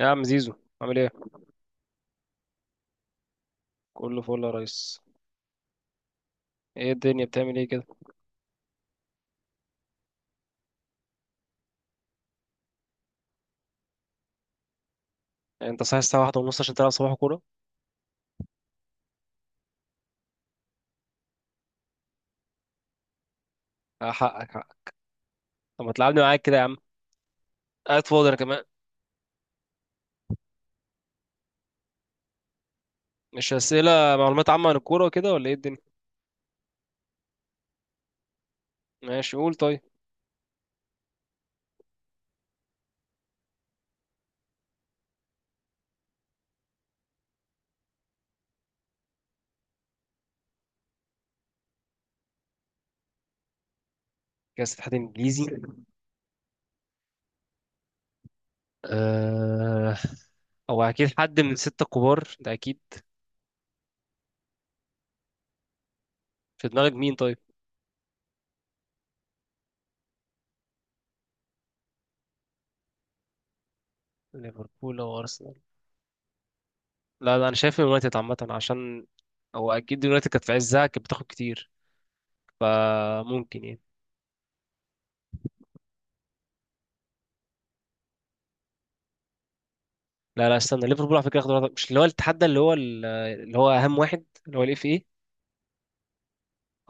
يا عم زيزو، عامل ايه؟ كله فل يا ريس. ايه الدنيا بتعمل ايه كده؟ يعني انت صاحي الساعه واحدة ونص عشان تلعب صباح كوره؟ حقك حقك. طب ما تلعبني معاك كده يا عم، قاعد فاضي انا كمان. مش اسئله معلومات عامه عن الكوره وكده ولا ايه الدنيا؟ ماشي قول طيب. كاس اتحاد انجليزي؟ آه... او اكيد حد من الستة الكبار ده اكيد. في دماغك مين طيب؟ ليفربول او ارسنال؟ لا لا، انا شايف اليونايتد عامه، عشان هو اكيد اليونايتد كانت في عزها كانت بتاخد كتير، فممكن يعني. لا لا استنى، ليفربول على فكره اخضر، مش اللي هو التحدى اللي هو اللي هو اهم واحد اللي هو الاف اي.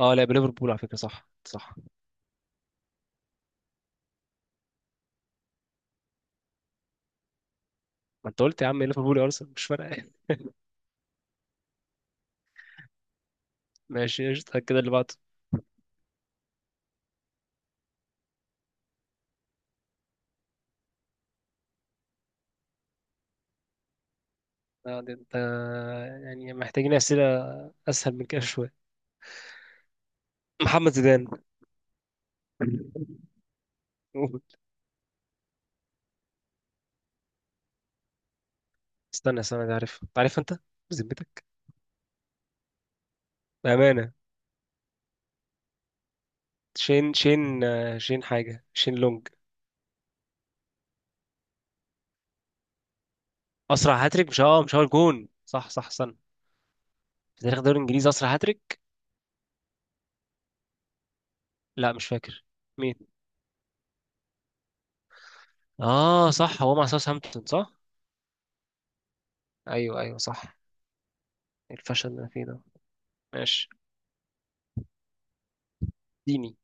اه لا، يبقى ليفربول على فكره، صح صح. ما انت قلت يا عم ليفربول يا ارسنال، مش فارقه. ماشي قشطة، كده اللي بعده. ده انت يعني محتاجين اسئله اسهل من كده شويه. محمد زيدان. قول. استنى ده عارف، عارف انت، بذمتك، بامانه. شين شين آه، شين حاجه شين لونج اسرع هاتريك، مش اه مش هو الجون، صح صح استنى. في تاريخ الدوري الانجليزي اسرع هاتريك، لا مش فاكر. اه صح، هو مع ساوثهامبتون صح؟ ايوه ايوه صح. الفشل اللي أنا فيه ده. ماشي ديني.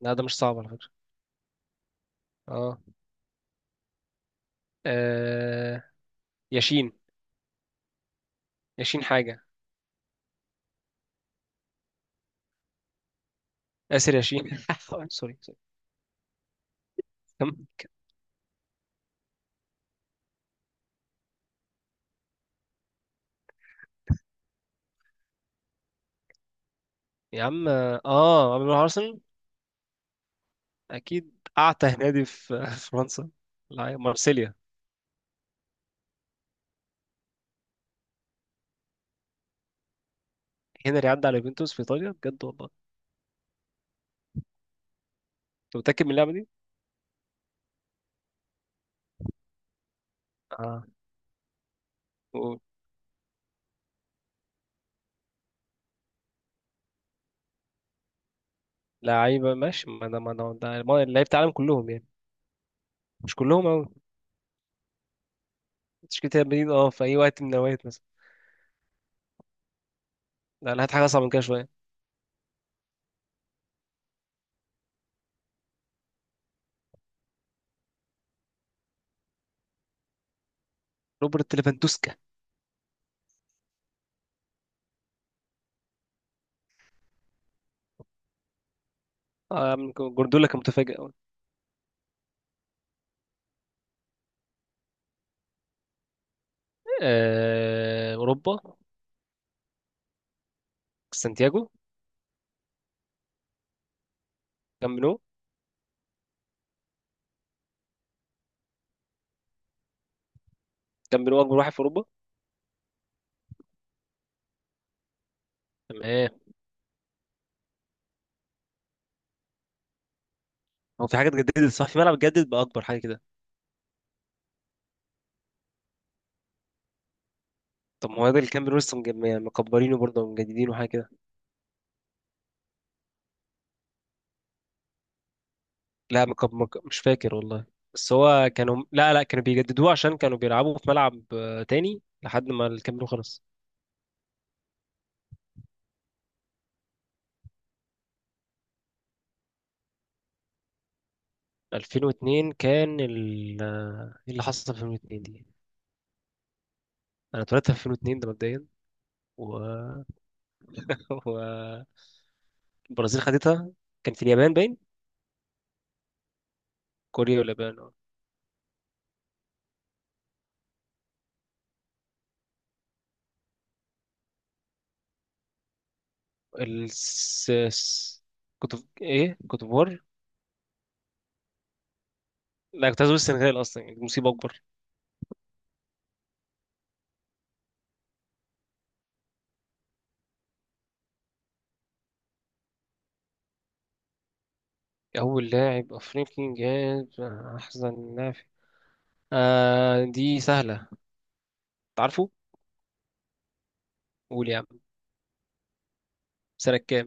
لا ده مش صعب على فكره. اه. آه، ياشين. ياشين حاجه. اسر ياشين. سوري سوري. كم؟ يا عم اه، عمرو ارسنال اكيد، اعتى نادي في في فرنسا. لا، مارسيليا. هنري عدى على يوفنتوس في ايطاليا بجد والله؟ انت متاكد من اللعبه دي؟ اه. قول. لعيبه؟ ماشي، ما لعيبه العالم كلهم يعني، مش كلهم قوي. تشكيله ريال مدريد اه، في اي وقت من الاوقات مثلا؟ لا انا هات حاجه اصعب من كده شويه. روبرت ليفاندوسكا. من جوارديولا كان متفاجئ أوي. اوروبا. سانتياغو. كامب نو. كامب نو اكبر واحد في اوروبا. تمام. هو في حاجه اتجددت صح، في ملعب اتجدد بقى اكبر حاجه كده. طب ما هو ده الكامب نو لسه مكبرينه برضه، مجددينه حاجه كده. لا مش فاكر والله. بس هو كانوا لا لا كانوا بيجددوه عشان كانوا بيلعبوا في ملعب تاني لحد ما الكامب نو خلص. 2002 كان ال ايه اللي حصل في 2002 دي؟ انا اتولدت في 2002 ده مبدئيا، و والبرازيل خدتها. كان في اليابان باين. كوريا ولا اليابان؟ اه. الس... الس- كنت، ايه كنت بور. لا كنت عايز اقول السنغال اصلا، يعني دي مصيبه اكبر. اول لاعب افريقي جاب احسن لاعب؟ آه دي سهله. تعرفه؟ قول يا عم. سنه كام؟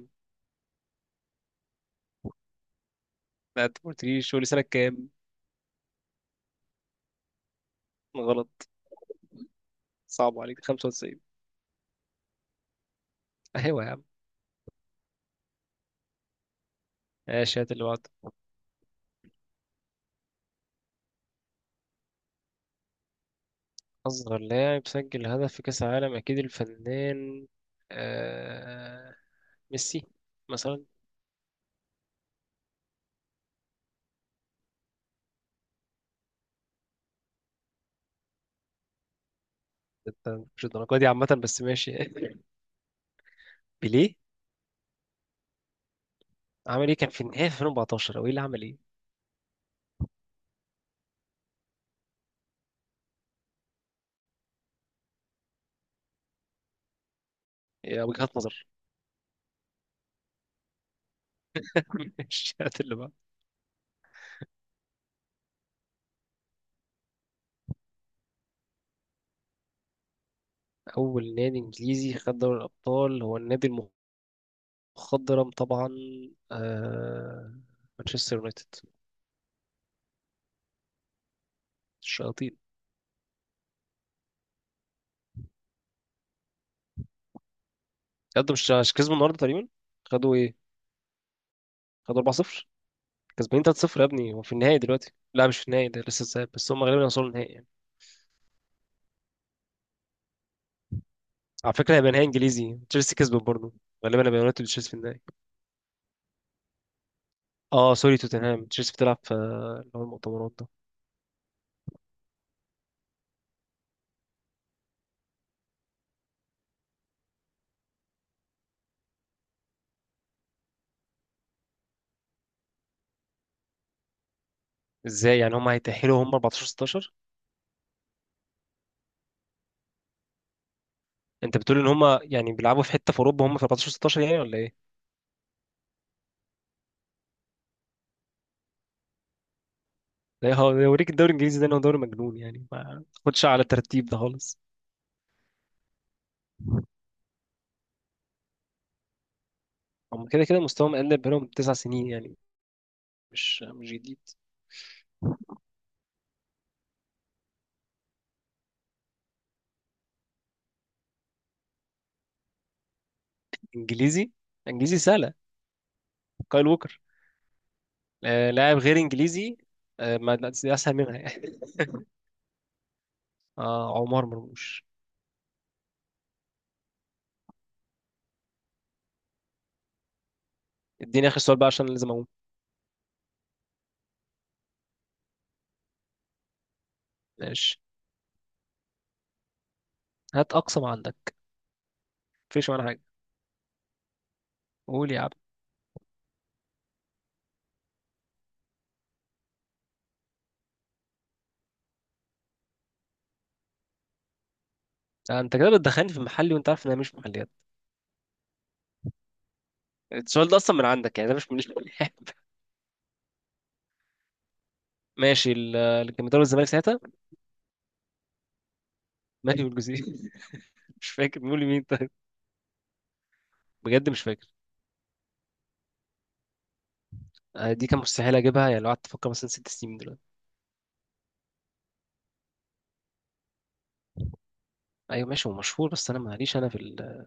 لا انت ما قلتليش، قول لي سنه كام. غلط. صعب عليك، 95. ايوه يا عم. ماشي هات اللي بعده. اصغر لاعب سجل هدف في كاس العالم اكيد الفنان آه... ميسي مثلا. انت مش الدرجه دي عامه، بس ماشي. بيليه. عمل ايه؟ كان في النهايه في 2014 او ايه اللي عمل ايه؟ يا وجهات نظر. مش هات اللي بقى. اول نادي انجليزي خد دوري الابطال هو النادي المخضرم طبعا آه... مانشستر يونايتد. الشياطين. يقدم، مش كسبوا النهارده تقريبا. خدوا ايه؟ خدوا 4-0. كسبانين 3-0 يا ابني، هو في النهائي دلوقتي. لا مش في النهائي ده، لسه الذهاب، بس هم غالبا هيوصلوا النهائي يعني. على فكره هيبقى نهائي انجليزي، تشيلسي كسبت برضه، غالبا هيبقى يونايتد وتشيلسي في النهائي. اه سوري، توتنهام. تشيلسي بتلعب في اللي هو المؤتمرات ده. ازاي يعني هم هيتأهلوا هم 14 16؟ انت بتقول ان هم يعني بيلعبوا في حتة في اوروبا، هم في 14 16 يعني ولا ايه؟ ده ده يوريك الدوري الانجليزي ده، انه دوري مجنون يعني، ما تاخدش على الترتيب ده خالص. هم كده كده مستواهم اقل بقالهم تسع سنين يعني، مش جديد. انجليزي؟ انجليزي سهلة. كايل ووكر. آه لاعب غير انجليزي؟ آه ما لا، دي اسهل منها يعني. آه عمر مرموش. اديني اخر سؤال بقى عشان لازم اقوم. ماشي هات اقصى ما عندك. مفيش ولا حاجة؟ قول يا عم. انت كده بتدخلني في محلي، وانت عارف ان انا مش في محليات. السؤال ده اصلا من عندك، يعني ده مش من. ماشي اللي كان بيدرب الزمالك ساعتها؟ ماهي والجزيري. مش فاكر، بيقول مين طيب؟ بجد مش فاكر. دي كان مستحيل اجيبها يعني، لو قعدت افكر مثلا ست سنين من دلوقتي. ايوه ماشي هو مشهور، بس انا ماليش، انا في ال...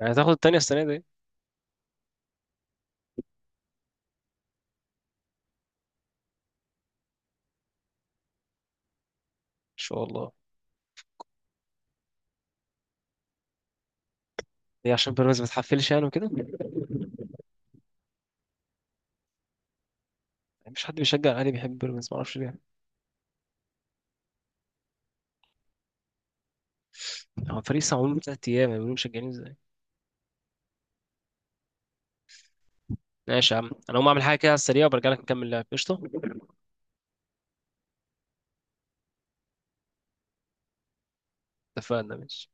يعني هتاخد التانية السنه دي ان شاء الله. ليه، عشان بيراميدز ما تحفلش يعني وكده؟ يعني مش حد بيشجع الاهلي بيحب بيراميدز، ما اعرفش ليه. هو الفريق لسه معمول من تلات ايام، يعني بيقولوا مشجعين ازاي؟ ماشي يا عم، انا هقوم اعمل حاجه كده على السريع وبرجع لك نكمل لعب قشطه. اتفقنا، ماشي.